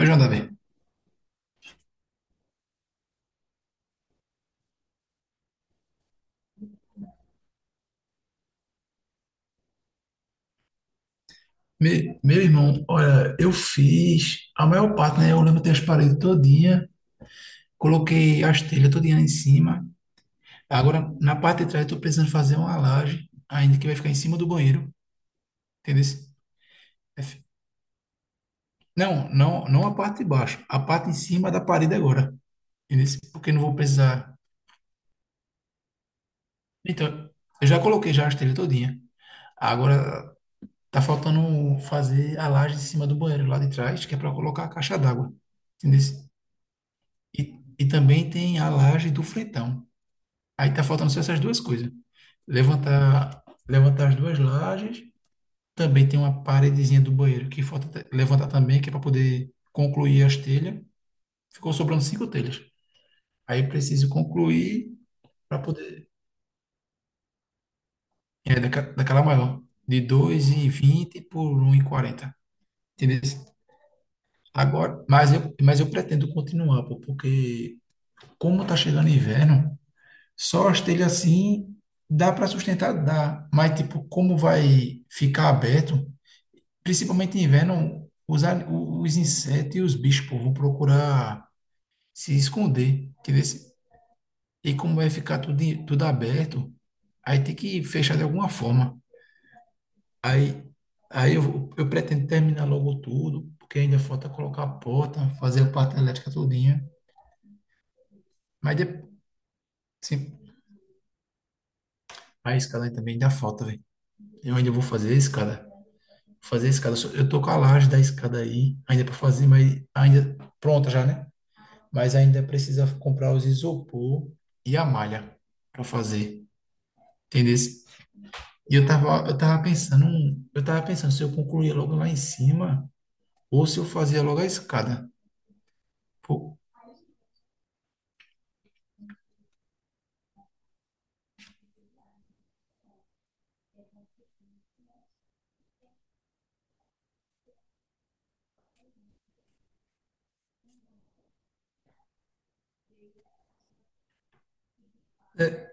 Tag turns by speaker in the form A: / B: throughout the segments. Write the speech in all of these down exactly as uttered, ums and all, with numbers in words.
A: Ô, João Davi, me- meu irmão, olha, eu fiz a maior parte, né? Eu lembro levantei as paredes todinha, coloquei as telhas todinha em cima. Agora, na parte de trás, eu tô precisando fazer uma laje, ainda que vai ficar em cima do banheiro, entendeu? É fi- Não, não, não a parte de baixo, a parte em cima da parede agora, entendeu? Porque não vou precisar. Então, eu já coloquei já as telhas todinha. Agora, tá faltando fazer a laje em cima do banheiro lá de trás, que é para colocar a caixa d'água, entendeu? E, e também tem a laje do Fretão. Aí tá faltando só essas duas coisas. Levantar, levantar as duas lajes. Também tem uma paredezinha do banheiro que falta te- levantar também, que é para poder concluir as telhas. Ficou sobrando cinco telhas. Aí preciso concluir para poder. É, daca- daquela maior. De dois e vinte por um e quarenta. Entendeu? Agora, mas eu, mas eu pretendo continuar, pô, porque como tá chegando inverno. Só telha assim dá para sustentar, dá. Mas, tipo, como vai ficar aberto, principalmente em inverno, os, a- os insetos e os bichos, pô, vão procurar se esconder. Entendeu? E como vai ficar tudo, em- tudo aberto, aí tem que fechar de alguma forma. Aí, aí eu, eu pretendo terminar logo tudo, porque ainda falta colocar a porta, fazer a parte elétrica todinha. Mas, de, sim, a escada também dá falta, velho. Eu ainda vou fazer a escada. Fazer a escada. Eu tô com a laje da escada aí, ainda para fazer, mas ainda pronta já, né? Mas ainda precisa comprar os isopor e a malha para fazer, entendeu? E eu tava, eu tava pensando, eu tava pensando se eu concluía logo lá em cima ou se eu fazia logo a escada. Pô, é,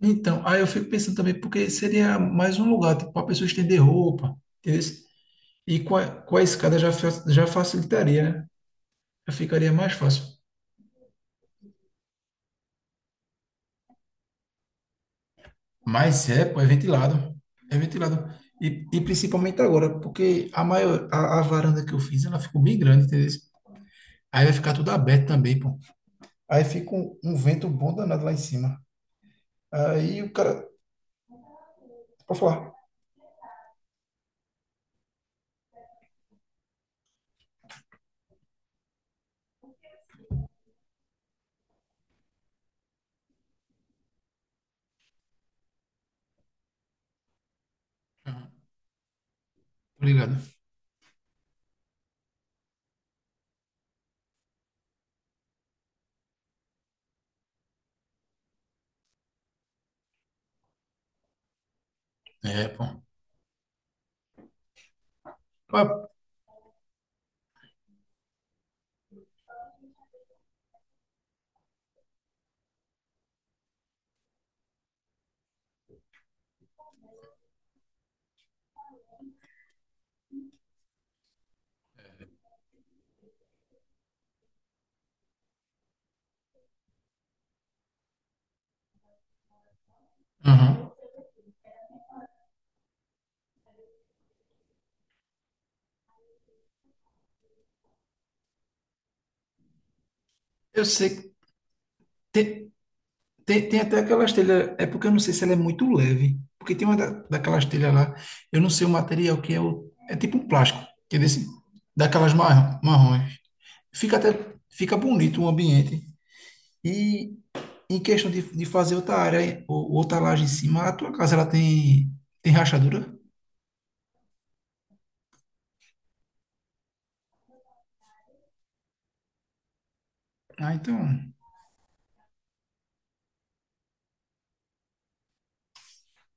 A: então, aí eu fico pensando também, porque seria mais um lugar, tipo, para a pessoa estender roupa, entendeu? E com a, com a escada já, fa- já facilitaria, né? Já ficaria mais fácil. Mas é, pô, é ventilado. É ventilado. E, e principalmente agora, porque a maior, a, a varanda que eu fiz, ela ficou bem grande, entendeu? Aí vai ficar tudo aberto também, pô. Aí fica um, um vento bom danado lá em cima. Aí o cara, pode falar. Obrigado. É, pô. Ah, uhum. Eu sei que tem, Tem, tem até aquelas telhas, é porque eu não sei se ela é muito leve, porque tem uma da, daquelas telhas lá, eu não sei o material que é, o, é tipo um plástico, que é desse, daquelas marrom- marrons. Fica até, fica bonito o ambiente. E em questão de, de fazer outra área, ou, outra laje em cima, a tua casa ela tem, tem rachadura? Ah, então,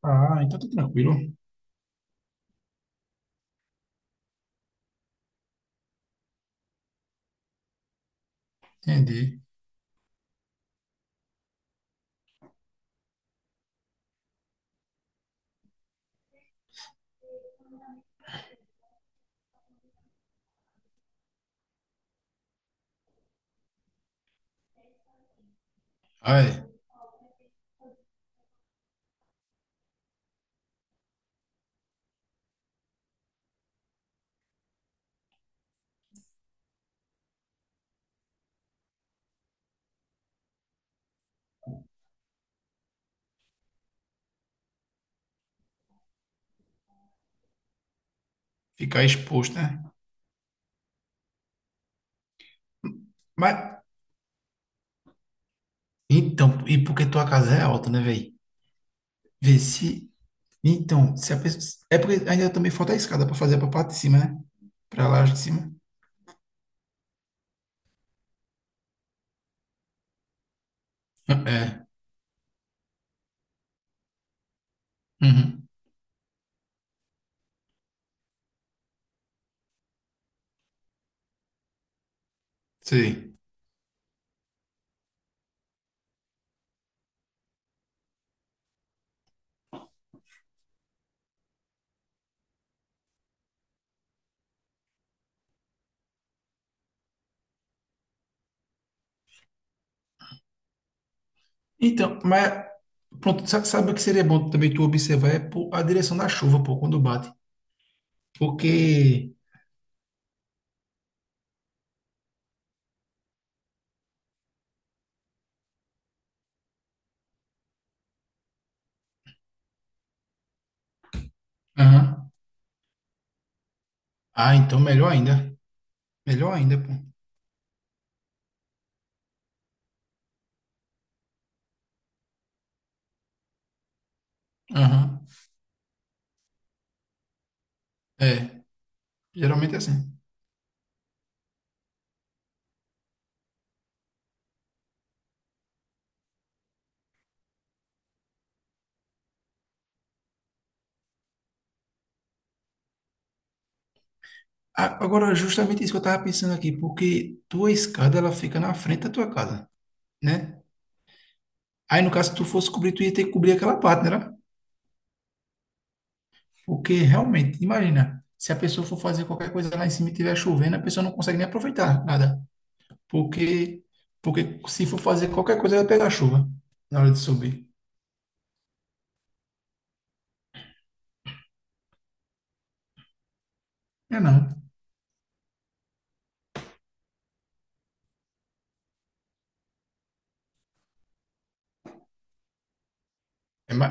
A: ah, então tá tranquilo. Entendi. Ah, é, ficar exposto, né? Mas, então, e porque tua casa é alta, né, velho? Vê se. Então, se a pessoa. É porque ainda também falta a escada para fazer para parte de cima, né? Para lá de cima. É. Uhum. Sei. Então, mas pronto, sa- sabe o que seria bom também tu observar é pô, a direção da chuva, pô, quando bate. Porque. Aham. Ah, então melhor ainda. Melhor ainda, pô. Aham. É. Geralmente é assim. A- Agora, justamente isso que eu tava pensando aqui, porque tua escada ela fica na frente da tua casa, né? Aí, no caso, se tu fosse cobrir, tu ia ter que cobrir aquela parte, né? Porque realmente, imagina, se a pessoa for fazer qualquer coisa lá em cima e estiver chovendo, a pessoa não consegue nem aproveitar nada. Porque, porque se for fazer qualquer coisa, vai pegar chuva na hora de subir. É não. É ma...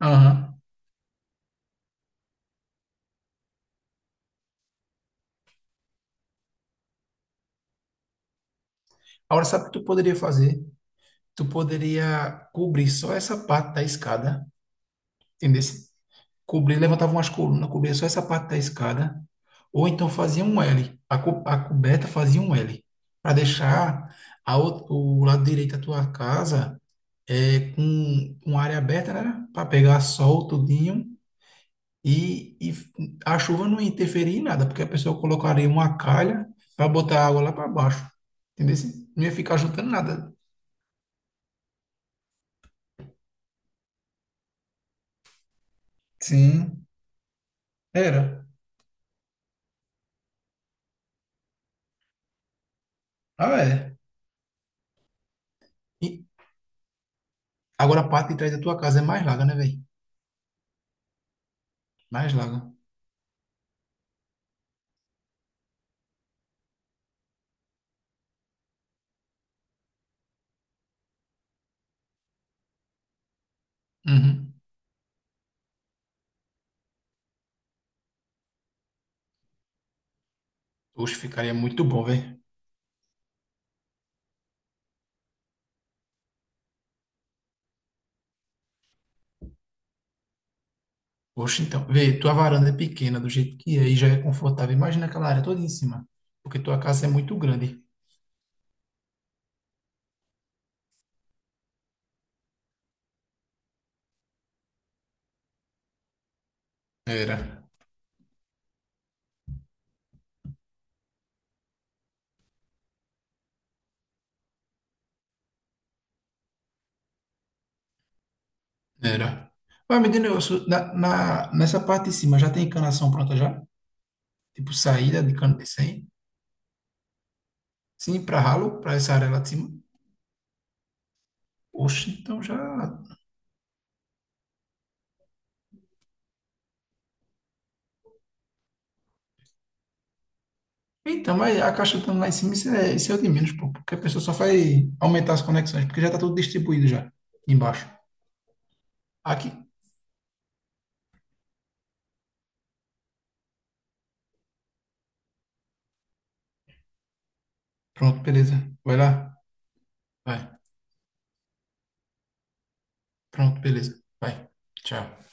A: Aham. Agora, sabe o que tu poderia fazer? Tu poderia cobrir só essa parte da escada, entendeu? Cobrir, levantava umas colunas, cobria só essa parte da escada. Ou então fazia um L. A, co- a coberta fazia um L. Para deixar a, ou- o lado direito da tua casa é, com, com área aberta, né? Para pegar sol, tudinho. E, e a chuva não ia interferir em nada, porque a pessoa colocaria uma calha para botar a água lá para baixo. Entendeu? Assim, não ia ficar juntando nada. Sim, era. Ah, é. E agora a parte de trás da tua casa é mais larga, né, velho? Mais larga. Uhum. Oxe, ficaria muito bom, velho. Oxe, então. Vê, tua varanda é pequena do jeito que é e já é confortável. Imagina aquela área toda em cima, porque tua casa é muito grande. Era. Era. Vai, me diz um negócio, na, na, nessa parte de cima já tem encanação pronta já? Tipo saída de cano de cem? Sim, para ralo, para essa área lá de cima? Oxe, então já. Então, mas a caixa estando lá em cima, isso é, isso é o de menos, pô, porque a pessoa só vai aumentar as conexões, porque já tá tudo distribuído já, embaixo. Aqui. Pronto, beleza. Vai lá. Vai. Pronto, beleza. Vai. Tchau.